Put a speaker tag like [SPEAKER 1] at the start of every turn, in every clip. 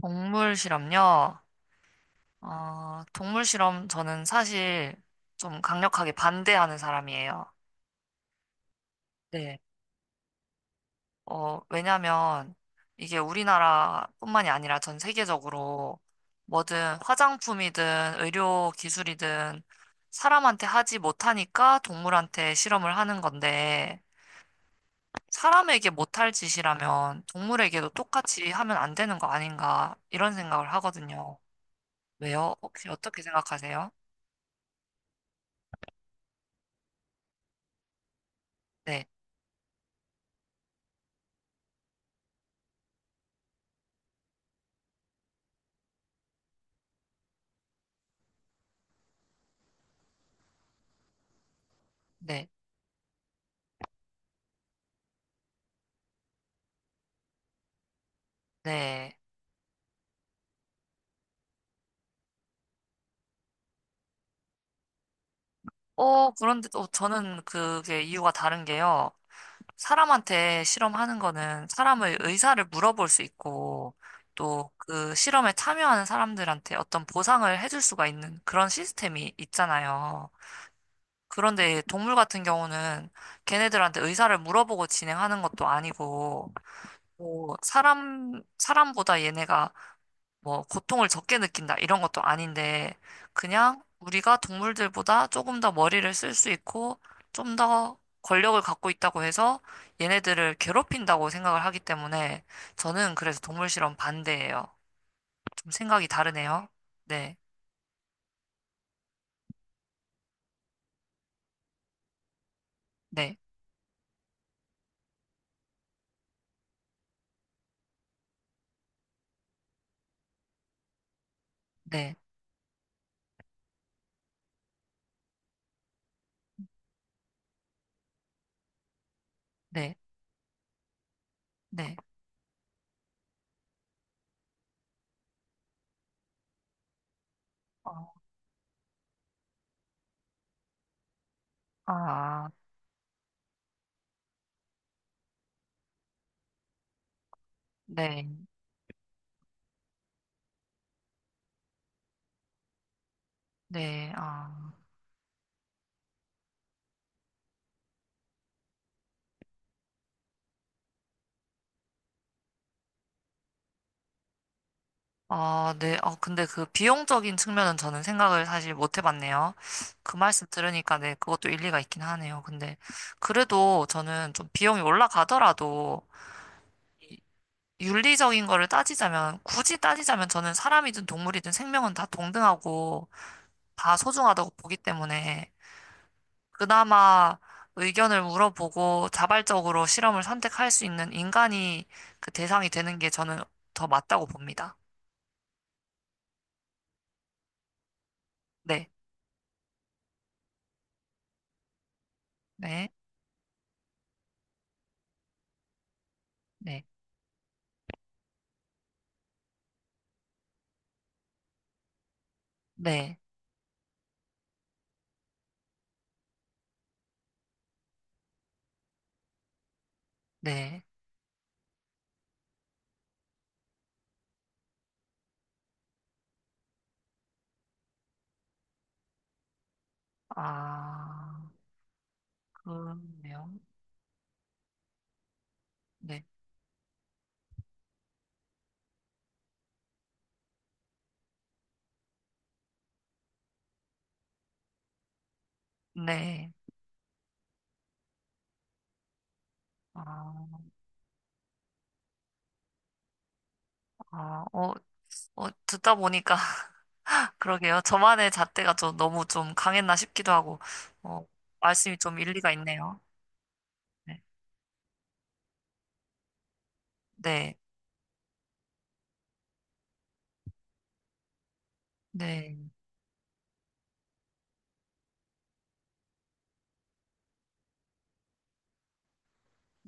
[SPEAKER 1] 동물 실험요? 어, 동물 실험 저는 사실 좀 강력하게 반대하는 사람이에요. 네. 왜냐면 이게 우리나라뿐만이 아니라 전 세계적으로 뭐든 화장품이든 의료 기술이든 사람한테 하지 못하니까 동물한테 실험을 하는 건데 사람에게 못할 짓이라면 동물에게도 똑같이 하면 안 되는 거 아닌가 이런 생각을 하거든요. 왜요? 혹시 어떻게 생각하세요? 네, 네. 네. 그런데 또 저는 그게 이유가 다른 게요. 사람한테 실험하는 거는 사람의 의사를 물어볼 수 있고, 또 그 실험에 참여하는 사람들한테 어떤 보상을 해줄 수가 있는 그런 시스템이 있잖아요. 그런데 동물 같은 경우는 걔네들한테 의사를 물어보고 진행하는 것도 아니고, 뭐 사람, 사람보다 얘네가 뭐 고통을 적게 느낀다 이런 것도 아닌데 그냥 우리가 동물들보다 조금 더 머리를 쓸 수 있고 좀 더 권력을 갖고 있다고 해서 얘네들을 괴롭힌다고 생각을 하기 때문에 저는 그래서 동물 실험 반대예요. 좀 생각이 다르네요. 네, 네, 네, 네, 네. 어, 아, 네, 네, 아. 아, 네. 근데 그 비용적인 측면은 저는 생각을 사실 못 해봤네요. 그 말씀 들으니까 네, 그것도 일리가 있긴 하네요. 근데 그래도 저는 좀 비용이 올라가더라도 이 윤리적인 거를 따지자면, 굳이 따지자면 저는 사람이든 동물이든 생명은 다 동등하고 다 소중하다고 보기 때문에 그나마 의견을 물어보고 자발적으로 실험을 선택할 수 있는 인간이 그 대상이 되는 게 저는 더 맞다고 봅니다. 네. 네. 네. 네. 네. 아, 그렇네요. 네. 네. 아, 아, 어, 어, 듣다 보니까, 그러게요. 저만의 잣대가 좀 너무 좀 강했나 싶기도 하고, 어, 말씀이 좀 일리가 있네요. 네. 네. 네.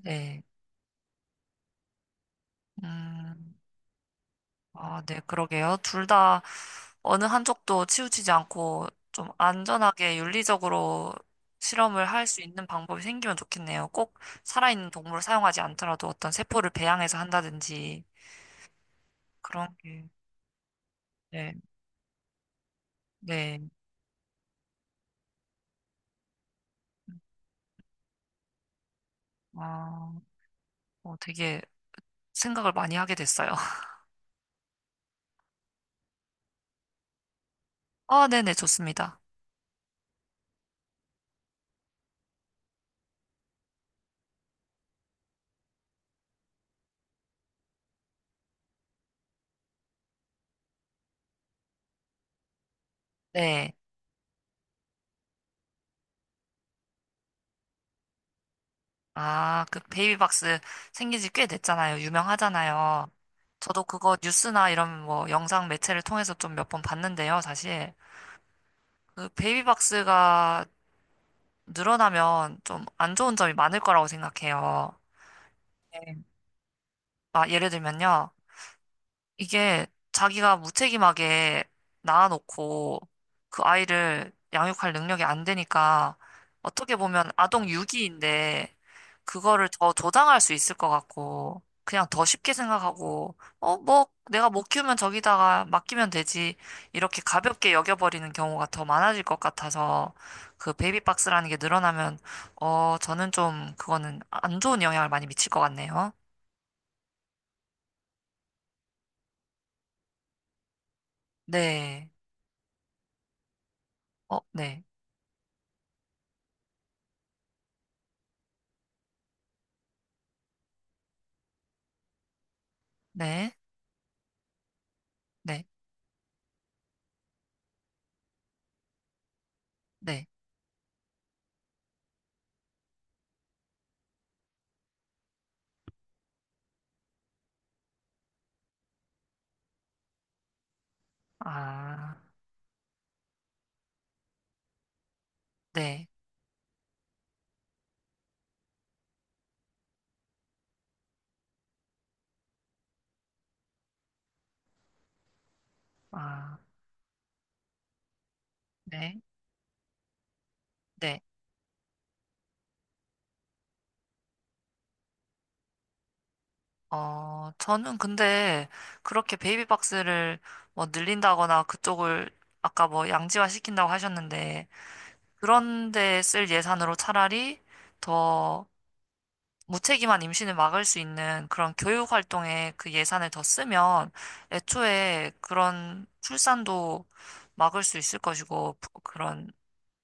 [SPEAKER 1] 네. 음. 아, 네, 그러게요. 둘 다 어느 한쪽도 치우치지 않고 좀 안전하게 윤리적으로 실험을 할 수 있는 방법이 생기면 좋겠네요. 꼭 살아있는 동물을 사용하지 않더라도 어떤 세포를 배양해서 한다든지 그런 게, 네, 네. 아, 어, 되게 생각을 많이 하게 됐어요. 아, 네네, 좋습니다. 네. 아, 그 베이비박스 생긴 지 꽤 됐잖아요. 유명하잖아요. 저도 그거 뉴스나 이런 뭐 영상 매체를 통해서 좀 몇 번 봤는데요, 사실. 그 베이비박스가 늘어나면 좀 안 좋은 점이 많을 거라고 생각해요. 네. 아, 예를 들면요. 이게 자기가 무책임하게 낳아놓고 그 아이를 양육할 능력이 안 되니까 어떻게 보면 아동 유기인데 그거를 더 조장할 수 있을 것 같고 그냥 더 쉽게 생각하고 어, 뭐 내가 못 키우면 저기다가 맡기면 되지 이렇게 가볍게 여겨버리는 경우가 더 많아질 것 같아서 그 베이비박스라는 게 늘어나면 저는 좀 그거는 안 좋은 영향을 많이 미칠 것 같네요. 네. 어, 네. 네. 네. 네. 아, 네. 아, 네. 네. 저는 근데 그렇게 베이비박스를 뭐 늘린다거나 그쪽을 아까 뭐 양지화 시킨다고 하셨는데 그런데 쓸 예산으로 차라리 더 무책임한 임신을 막을 수 있는 그런 교육 활동에 그 예산을 더 쓰면 애초에 그런 출산도 막을 수 있을 것이고 그런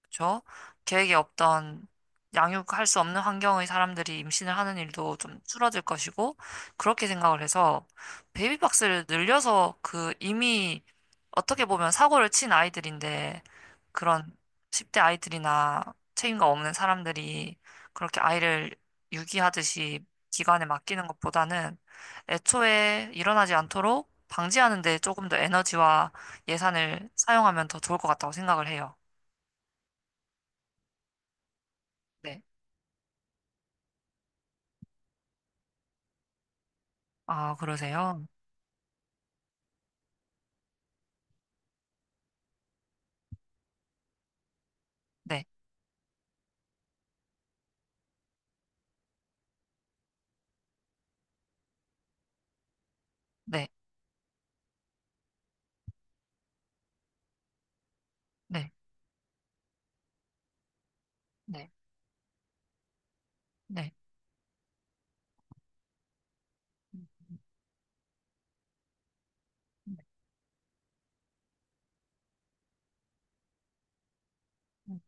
[SPEAKER 1] 그렇죠? 계획이 없던 양육할 수 없는 환경의 사람들이 임신을 하는 일도 좀 줄어들 것이고 그렇게 생각을 해서 베이비박스를 늘려서 그 이미 어떻게 보면 사고를 친 아이들인데 그런 10대 아이들이나 책임감 없는 사람들이 그렇게 아이를 유기하듯이 기관에 맡기는 것보다는 애초에 일어나지 않도록 방지하는 데 조금 더 에너지와 예산을 사용하면 더 좋을 것 같다고 생각을 해요. 아, 그러세요? 네, 네, 네, 네, 네. 음, 음, 음.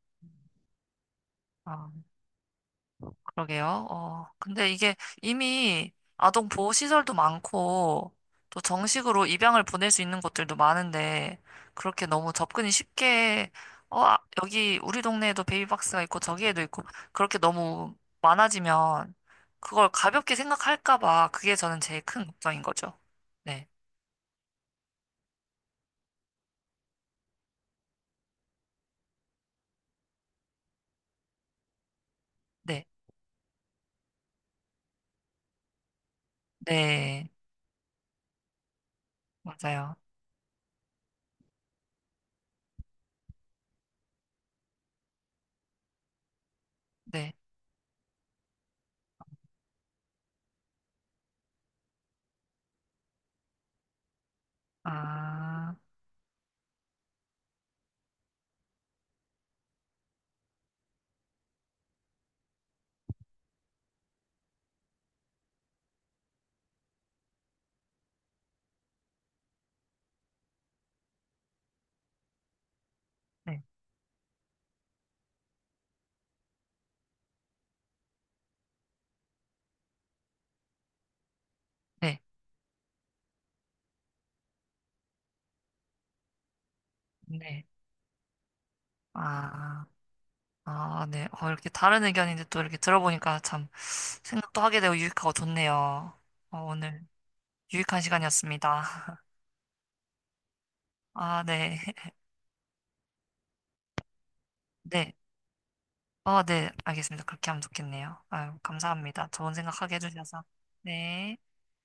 [SPEAKER 1] 아, 그러게요. 근데 이게 이미 아동 보호 시설도 많고 또 정식으로 입양을 보낼 수 있는 곳들도 많은데 그렇게 너무 접근이 쉽게 어, 아, 여기 우리 동네에도 베이비박스가 있고 저기에도 있고 그렇게 너무 많아지면 그걸 가볍게 생각할까 봐 그게 저는 제일 큰 걱정인 거죠. 네, 네, 네, 맞아요. 네, 아. 네, 네, 네. 아, 아, 네. 이렇게 다른 의견인데 또 이렇게 들어보니까 참 생각도 하게 되고 유익하고 좋네요. 어, 오늘 유익한 시간이었습니다. 아, 네. 네. 어, 네. 알겠습니다. 그렇게 하면 좋겠네요. 아유, 감사합니다. 좋은 생각하게 해주셔서. 네.